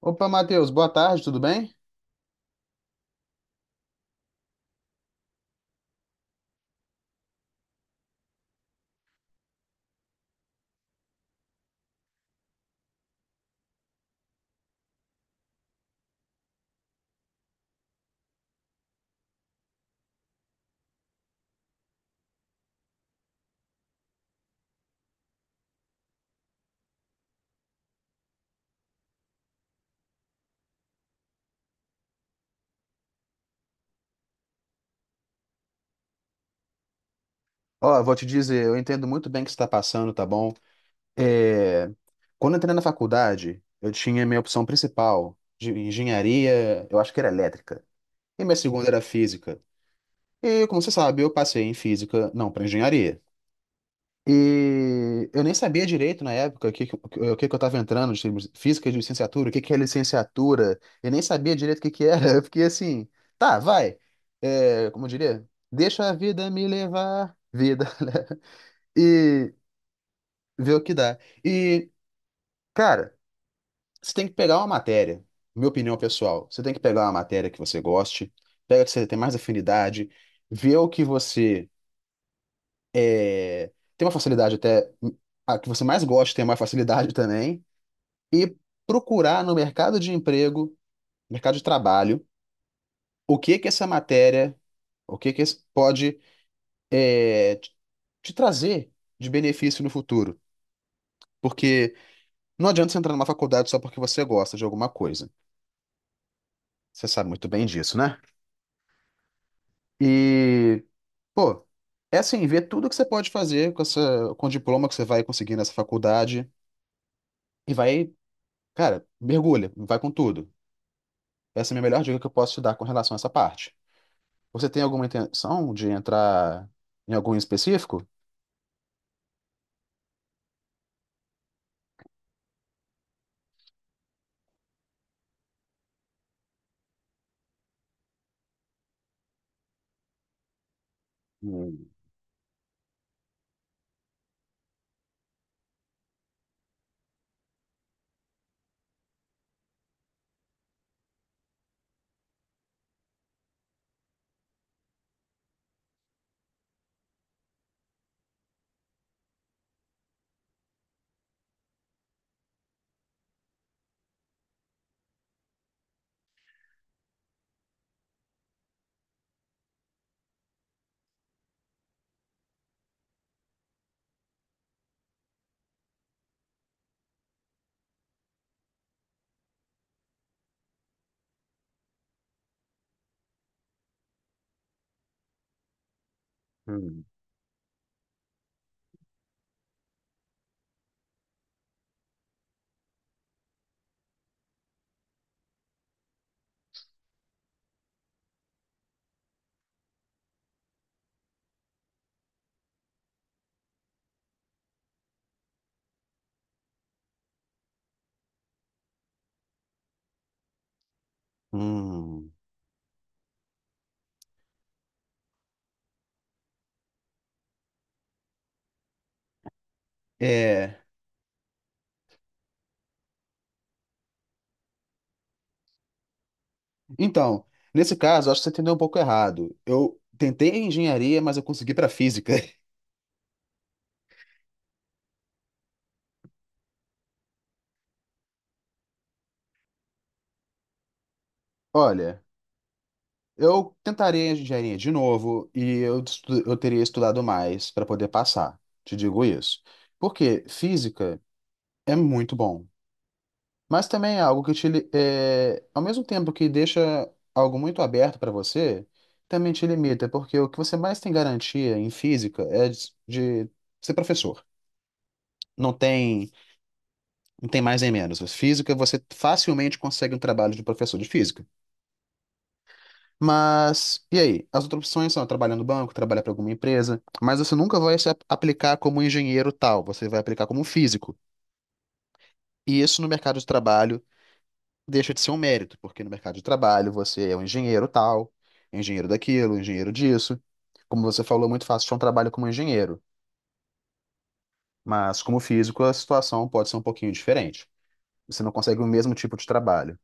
Opa, Matheus, boa tarde, tudo bem? Ó, eu vou te dizer, eu entendo muito bem o que você está passando, tá bom? É, Quando eu entrei na faculdade, eu tinha minha opção principal de engenharia, eu acho que era elétrica, e minha segunda era física. E, como você sabe, eu passei em física, não, para engenharia. E eu nem sabia direito na época o que, que eu estava entrando, física de licenciatura, o que, que é licenciatura, eu nem sabia direito o que, que era. Eu fiquei assim, tá, vai. É, como eu diria? Deixa a vida me levar, vida, né? E ver o que dá. E, cara, você tem que pegar uma matéria, minha opinião pessoal, você tem que pegar uma matéria que você goste, pega que você tem mais afinidade, vê o que você é, ter uma facilidade até a que você mais gosta, ter mais facilidade também, e procurar no mercado de emprego, mercado de trabalho, o que que essa matéria, o que que esse- pode te te trazer de benefício no futuro. Porque não adianta você entrar numa faculdade só porque você gosta de alguma coisa. Você sabe muito bem disso, né? E, pô, é assim, ver tudo que você pode fazer com com o diploma que você vai conseguir nessa faculdade e vai, cara, mergulha, vai com tudo. Essa é a minha melhor dica que eu posso te dar com relação a essa parte. Você tem alguma intenção de entrar em algum específico? Hum, hum, hum. É. Então, nesse caso, acho que você entendeu um pouco errado. Eu tentei engenharia, mas eu consegui para física. Olha, eu tentaria engenharia de novo e eu teria estudado mais para poder passar. Te digo isso. Porque física é muito bom. Mas também é algo é, ao mesmo tempo que deixa algo muito aberto para você, também te limita, porque o que você mais tem garantia em física é de ser professor. Não tem, não tem mais nem menos. Física, você facilmente consegue um trabalho de professor de física. Mas, e aí? As outras opções são trabalhar no banco, trabalhar para alguma empresa, mas você nunca vai se ap- aplicar como engenheiro tal, você vai aplicar como físico. E isso no mercado de trabalho deixa de ser um mérito, porque no mercado de trabalho você é um engenheiro tal, é um engenheiro daquilo, um engenheiro disso. Como você falou, é muito fácil achar um trabalho como engenheiro, mas como físico a situação pode ser um pouquinho diferente. Você não consegue o mesmo tipo de trabalho.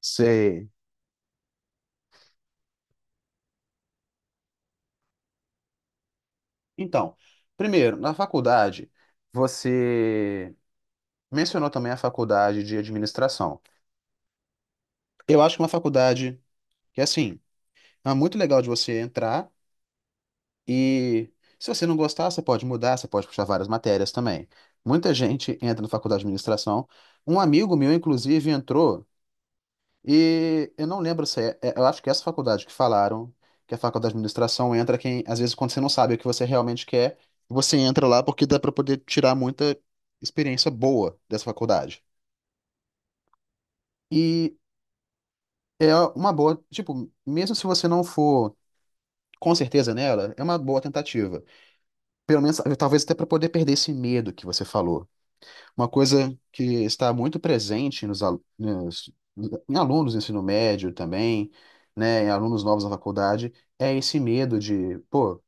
Sei. Então, primeiro, na faculdade, você mencionou também a faculdade de administração. Eu acho que é uma faculdade que, assim, é muito legal de você entrar. E se você não gostar, você pode mudar, você pode puxar várias matérias também. Muita gente entra na faculdade de administração. Um amigo meu, inclusive, entrou e eu não lembro se é, é- eu acho que é essa faculdade que falaram, que a faculdade de administração entra quem, às vezes, quando você não sabe o que você realmente quer, você entra lá porque dá para poder tirar muita experiência boa dessa faculdade. E é uma boa, tipo, mesmo se você não for com certeza nela, é uma boa tentativa. Pelo menos, talvez até para poder perder esse medo que você falou. Uma coisa que está muito presente em alunos do ensino médio também, né, em alunos novos na faculdade, é esse medo de, pô,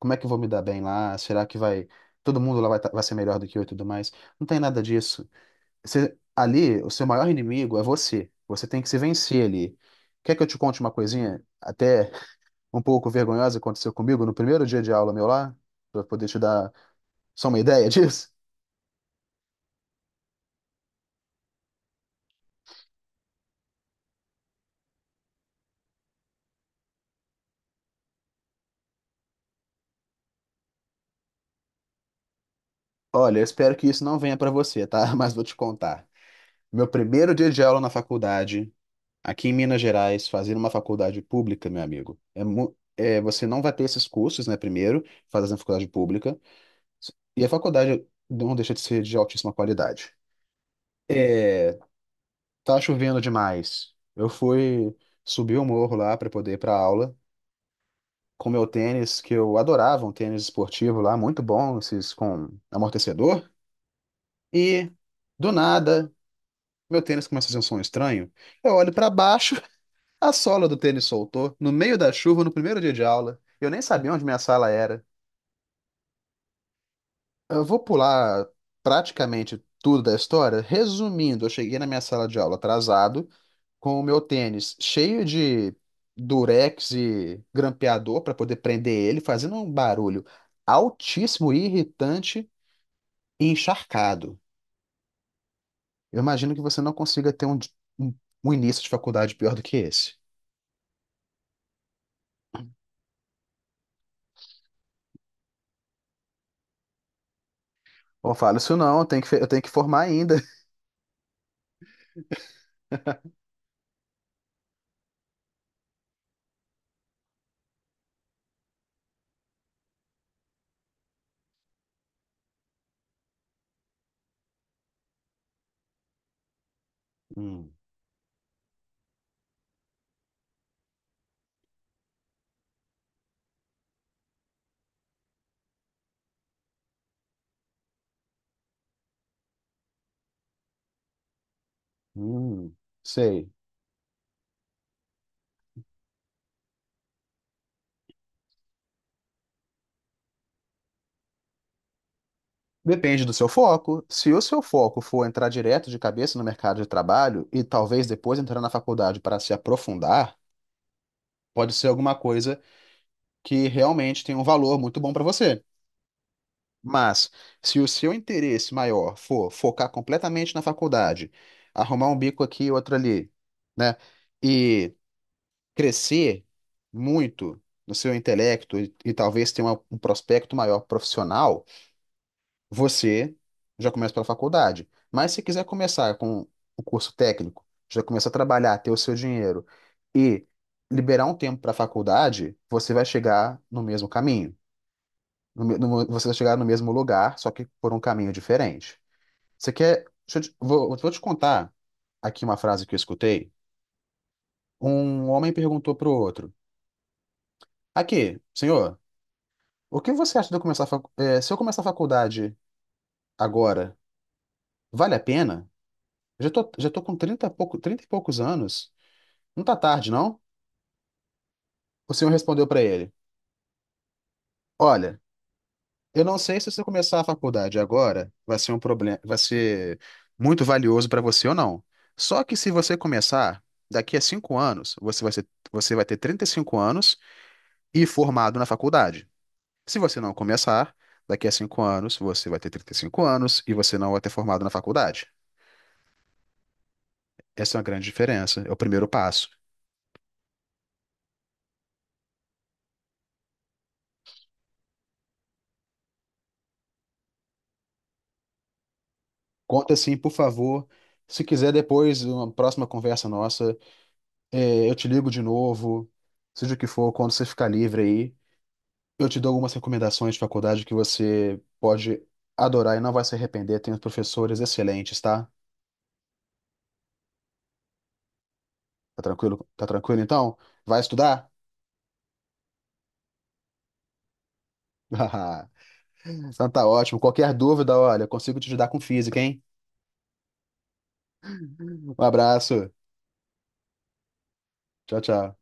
como é que eu vou me dar bem lá? Será que vai todo mundo lá vai ser melhor do que eu e tudo mais? Não tem nada disso. Você, ali, o seu maior inimigo é você. Você tem que se vencer ali. Quer que eu te conte uma coisinha até um pouco vergonhosa que aconteceu comigo no primeiro dia de aula meu lá, para poder te dar só uma ideia disso? Olha, eu espero que isso não venha para você, tá? Mas vou te contar. Meu primeiro dia de aula na faculdade, aqui em Minas Gerais, fazendo uma faculdade pública, meu amigo. É, você não vai ter esses cursos, né? Primeiro, fazendo a faculdade pública. E a faculdade não deixa de ser de altíssima qualidade. É, tá chovendo demais. Eu fui subir o morro lá para poder ir para aula com meu tênis, que eu adorava, um tênis esportivo lá, muito bom, esses com amortecedor. E do nada. Meu tênis começa a fazer um som estranho. Eu olho pra baixo, a sola do tênis soltou, no meio da chuva, no primeiro dia de aula. Eu nem sabia onde minha sala era. Eu vou pular praticamente tudo da história. Resumindo, eu cheguei na minha sala de aula atrasado, com o meu tênis cheio de durex e grampeador pra poder prender ele, fazendo um barulho altíssimo, irritante e encharcado. Eu imagino que você não consiga ter um um início de faculdade pior do que esse. Pô, falo isso não, eu tenho eu tenho que formar ainda. Hum, hum, sei. Depende do seu foco. Se o seu foco for entrar direto de cabeça no mercado de trabalho e talvez depois entrar na faculdade para se aprofundar, pode ser alguma coisa que realmente tem um valor muito bom para você. Mas se o seu interesse maior for focar completamente na faculdade, arrumar um bico aqui e outro ali, né? E crescer muito no seu intelecto e talvez ter um prospecto maior profissional, você já começa pela faculdade. Mas se quiser começar com o curso técnico, já começa a trabalhar, ter o seu dinheiro e liberar um tempo para a faculdade, você vai chegar no mesmo caminho. Você vai chegar no mesmo lugar, só que por um caminho diferente. Você quer. Vou te contar aqui uma frase que eu escutei. Um homem perguntou para o outro: Aqui, senhor. O que você acha de eu começar a facu... se eu começar a faculdade agora, vale a pena? Já tô com 30 e pouco, 30 e poucos anos. Não tá tarde, não? O senhor respondeu para ele: Olha, eu não sei se você começar a faculdade agora vai ser um problema, vai ser muito valioso para você ou não. Só que se você começar daqui a 5 anos, você vai ter 35 anos e formado na faculdade. Se você não começar, daqui a 5 anos, você vai ter 35 anos e você não vai ter formado na faculdade. Essa é uma grande diferença, é o primeiro passo. Conta assim, por favor. Se quiser depois, uma próxima conversa nossa, é, eu te ligo de novo, seja o que for, quando você ficar livre aí. Eu te dou algumas recomendações de faculdade que você pode adorar e não vai se arrepender. Tem uns professores excelentes, tá? Tá tranquilo? Tá tranquilo então? Vai estudar? Então tá ótimo. Qualquer dúvida, olha, eu consigo te ajudar com física, hein? Um abraço. Tchau, tchau.